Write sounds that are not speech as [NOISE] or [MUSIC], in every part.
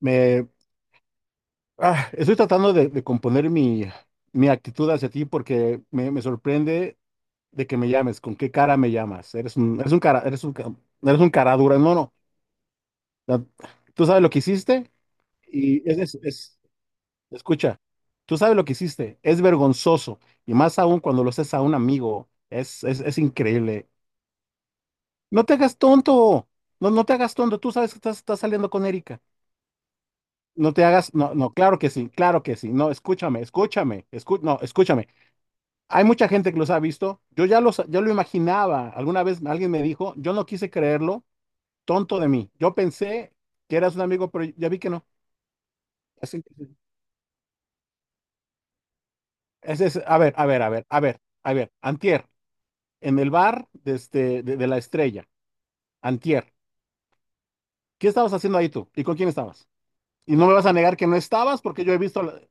Me, Estoy tratando de componer mi actitud hacia ti porque me sorprende de que me llames. ¿Con qué cara me llamas? Eres eres un cara, eres un cara dura. No, no. La- Tú sabes lo que hiciste y es, es, es- escucha, tú sabes lo que hiciste. Es vergonzoso y más aún cuando lo haces a un amigo. Es increíble. No te hagas tonto. No, no te hagas tonto. Tú sabes que estás saliendo con Erika. No te hagas, no, no, claro que sí, claro que sí. No, escúchame, no, escúchame. Hay mucha gente que los ha visto. Yo lo imaginaba. Alguna vez alguien me dijo, yo no quise creerlo, tonto de mí. Yo pensé que eras un amigo, pero ya vi que no. Así que- ese es- A ver, a ver. Antier, en el bar de la Estrella. Antier, ¿qué estabas haciendo ahí tú? ¿Y con quién estabas? Y no me vas a negar que no estabas porque yo he visto,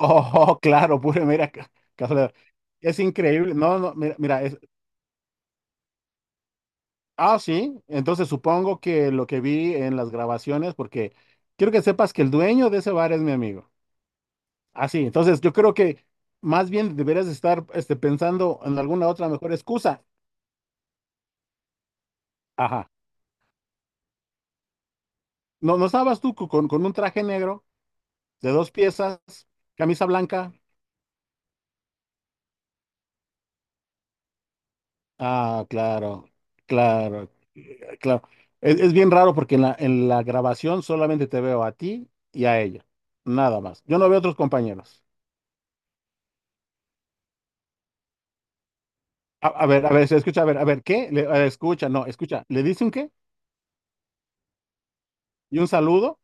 oh, [LAUGHS] claro, pura, mira, casualidad. Es increíble. No, no, ah, sí. Entonces supongo que lo que vi en las grabaciones, porque quiero que sepas que el dueño de ese bar es mi amigo. Ah, sí. Entonces yo creo que más bien deberías estar pensando en alguna otra mejor excusa. Ajá. No, no estabas con un traje negro de dos piezas, camisa blanca. Ah, claro, claro, claro. Es bien raro porque en en la grabación solamente te veo a ti y a ella, nada más. Yo no veo a otros compañeros. A ver, se escucha, a ver, ¿qué? A ver, escucha, no, escucha, ¿le dice un qué? ¿Y un saludo?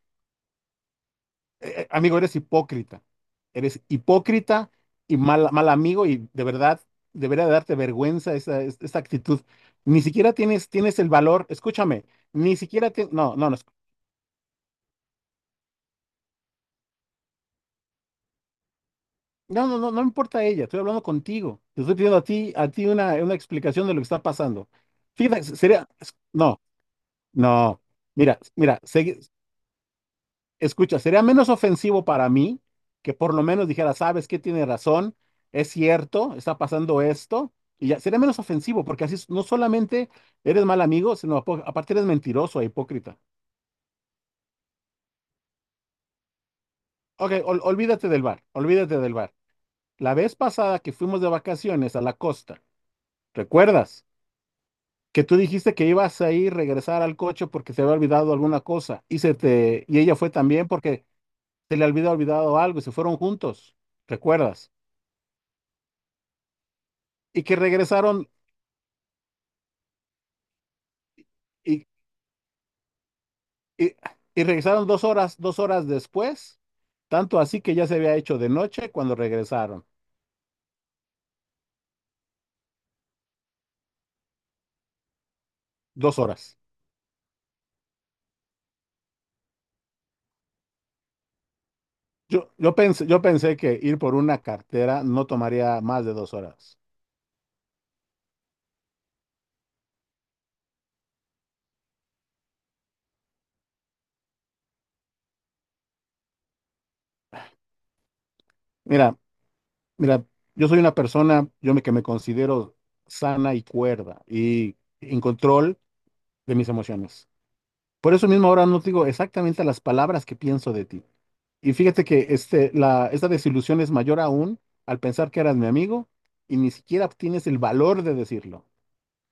Amigo, eres hipócrita. Eres hipócrita y mal amigo y de verdad debería darte vergüenza esa actitud. Ni siquiera tienes el valor, escúchame, ni siquiera tienes, no, no, no. No, no, no, no me importa ella, estoy hablando contigo. Te estoy pidiendo a ti una explicación de lo que está pasando. Fíjate, sería, no, no, mira, mira, segui- escucha, sería menos ofensivo para mí que por lo menos dijera, sabes que tiene razón, es cierto, está pasando esto, y ya, sería menos ofensivo, porque así no solamente eres mal amigo, sino aparte eres mentiroso e hipócrita. Ok, olvídate del bar, olvídate del bar. La vez pasada que fuimos de vacaciones a la costa, ¿recuerdas? Que tú dijiste que ibas a ir regresar al coche porque se había olvidado alguna cosa y se te y ella fue también porque se le había olvidado algo y se fueron juntos, ¿recuerdas? Y que regresaron y, y, Y regresaron 2 horas, 2 horas después, tanto así que ya se había hecho de noche cuando regresaron, 2 horas. Yo pensé que ir por una cartera no tomaría más de 2 horas. Mira, mira, yo soy una persona, que me considero sana y cuerda y en control de mis emociones. Por eso mismo ahora no te digo exactamente las palabras que pienso de ti. Y fíjate que esta desilusión es mayor aún al pensar que eras mi amigo y ni siquiera tienes el valor de decirlo.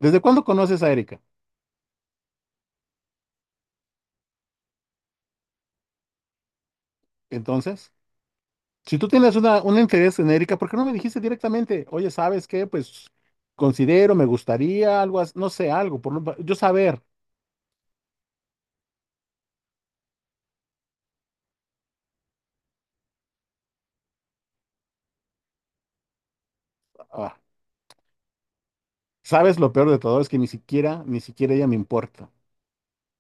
¿Desde cuándo conoces a Erika? Entonces, si tú tienes un interés en Erika, ¿por qué no me dijiste directamente, oye, ¿sabes qué? Pues considero, me gustaría algo, no sé, algo, yo saber. Ah, sabes, lo peor de todo es que ni siquiera, ni siquiera ella me importa.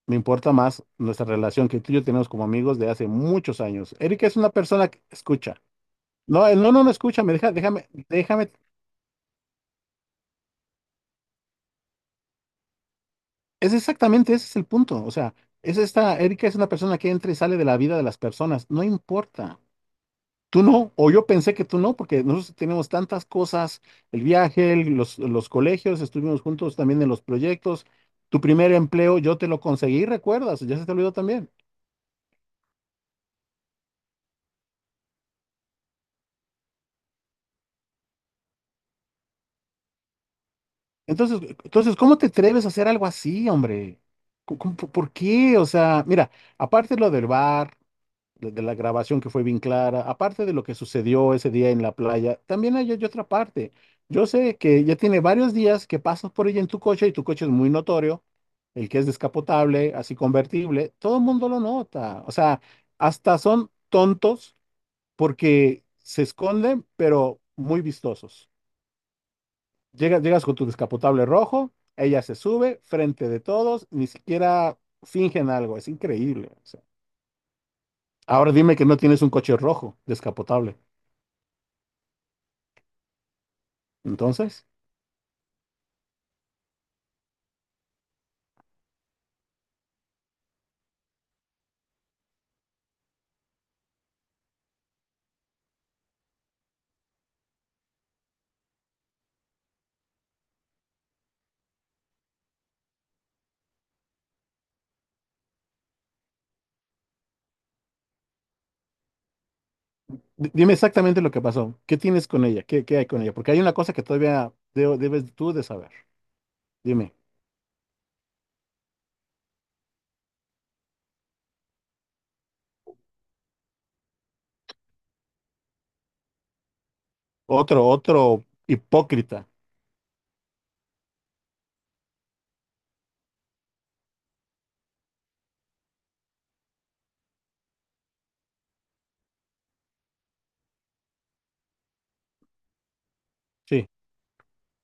Me importa más nuestra relación que tú y yo tenemos como amigos de hace muchos años. Erika es una persona que escucha. No, él no, no, no escucha, me deja, déjame, déjame. Es exactamente, ese es el punto. O sea, es esta, Erika es una persona que entra y sale de la vida de las personas. No importa. Tú no, o yo pensé que tú no, porque nosotros tenemos tantas cosas, el- viaje, los colegios, estuvimos juntos también en los proyectos. Tu primer empleo, yo te lo conseguí, ¿recuerdas? Ya se te olvidó también. Entonces, entonces, ¿cómo te atreves a hacer algo así, hombre? ¿Por ¿por qué? O sea, mira, aparte de lo del bar, de la grabación que fue bien clara, aparte de lo que sucedió ese día en la playa, también hay otra parte. Yo sé que ya tiene varios días que pasas por ella en tu coche y tu coche es muy notorio, el que es descapotable, así convertible, todo el mundo lo nota. O sea, hasta son tontos porque se esconden, pero muy vistosos. Llegas, llegas con tu descapotable rojo, ella se sube frente de todos, ni siquiera fingen algo, es increíble, o sea. Ahora dime que no tienes un coche rojo descapotable. Entonces, dime exactamente lo que pasó. ¿Qué tienes con ella? ¿Qué, qué hay con ella? Porque hay una cosa que todavía debes tú de saber. Dime, otro, otro hipócrita. Sí.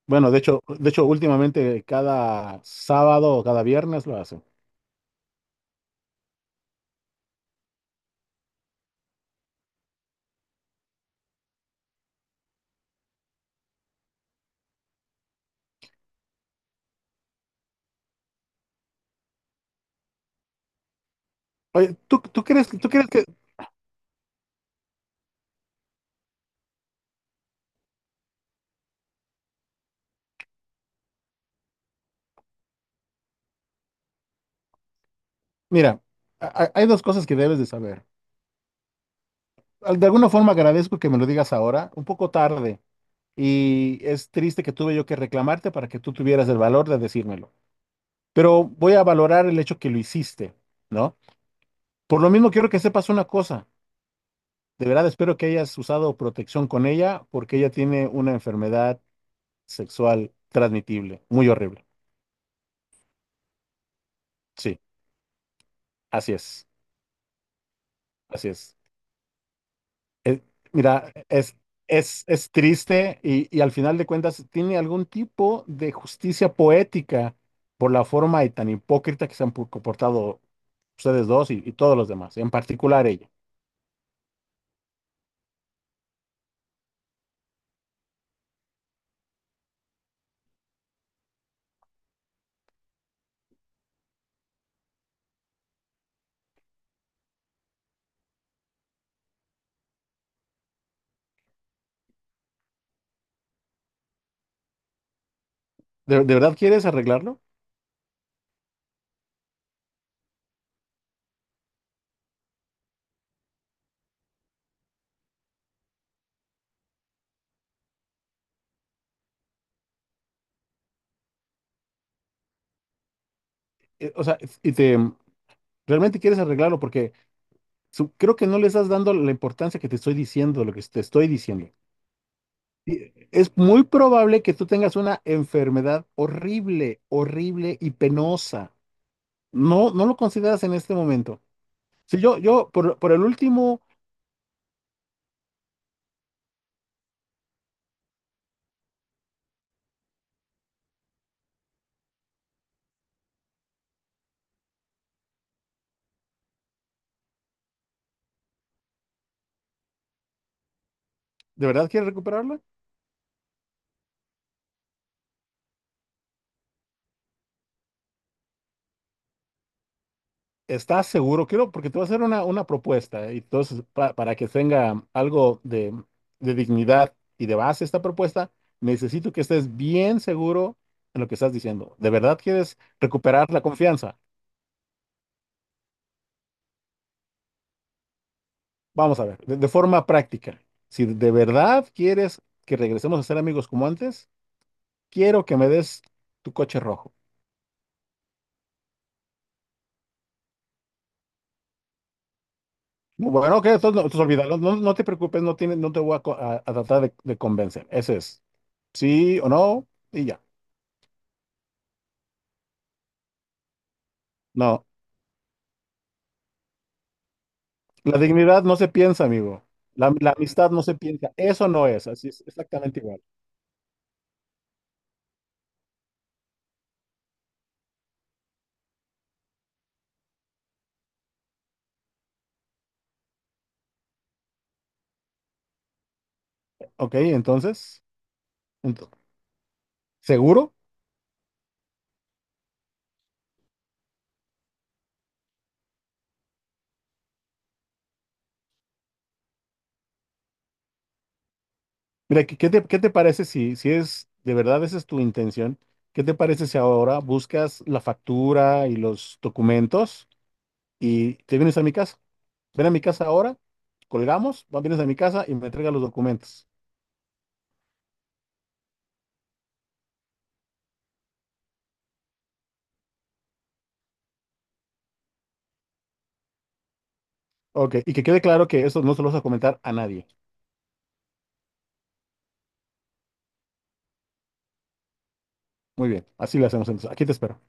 Bueno, de hecho, últimamente cada sábado o cada viernes lo hacen. Oye, ¿tú crees que, mira, hay dos cosas que debes de saber. De alguna forma agradezco que me lo digas ahora, un poco tarde, y es triste que tuve yo que reclamarte para que tú tuvieras el valor de decírmelo. Pero voy a valorar el hecho que lo hiciste, ¿no? Por lo mismo quiero que sepas una cosa. De verdad espero que hayas usado protección con ella porque ella tiene una enfermedad sexual transmitible, muy horrible. Sí, así es, así es. Mira, es triste y al final de cuentas tiene algún tipo de justicia poética por la forma y tan hipócrita que se han comportado ustedes dos y todos los demás, en particular ella. ¿De verdad quieres arreglarlo? O sea, ¿realmente quieres arreglarlo? Porque creo que no le estás dando la importancia que te estoy diciendo, lo que te estoy diciendo. Y es muy probable que tú tengas una enfermedad horrible, horrible y penosa. No, no lo consideras en este momento. Sí, yo, por el último, ¿de verdad quieres recuperarla? ¿Estás seguro? Quiero, porque te voy a hacer una propuesta, ¿eh? Y entonces para que tenga algo de dignidad y de base esta propuesta, necesito que estés bien seguro en lo que estás diciendo. ¿De verdad quieres recuperar la confianza? Vamos a ver, de forma práctica, si de verdad quieres que regresemos a ser amigos como antes, quiero que me des tu coche rojo. No, bueno, ok, entonces no, entonces olvídalo. No, no te preocupes, no, tiene, no te voy a, a tratar de convencer. Ese es sí o no y ya. No, la dignidad no se piensa, amigo. La amistad no se piensa. Eso no es, así es exactamente igual. Ok, entonces, ento- ¿seguro? Mira, ¿qué te parece si, si es de verdad esa es tu intención? ¿Qué te parece si ahora buscas la factura y los documentos y te vienes a mi casa? Ven a mi casa ahora, colgamos, vienes a mi casa y me entregas los documentos. Ok, y que quede claro que eso no se lo vas a comentar a nadie. Muy bien, así lo hacemos entonces. Aquí te espero.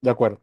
De acuerdo.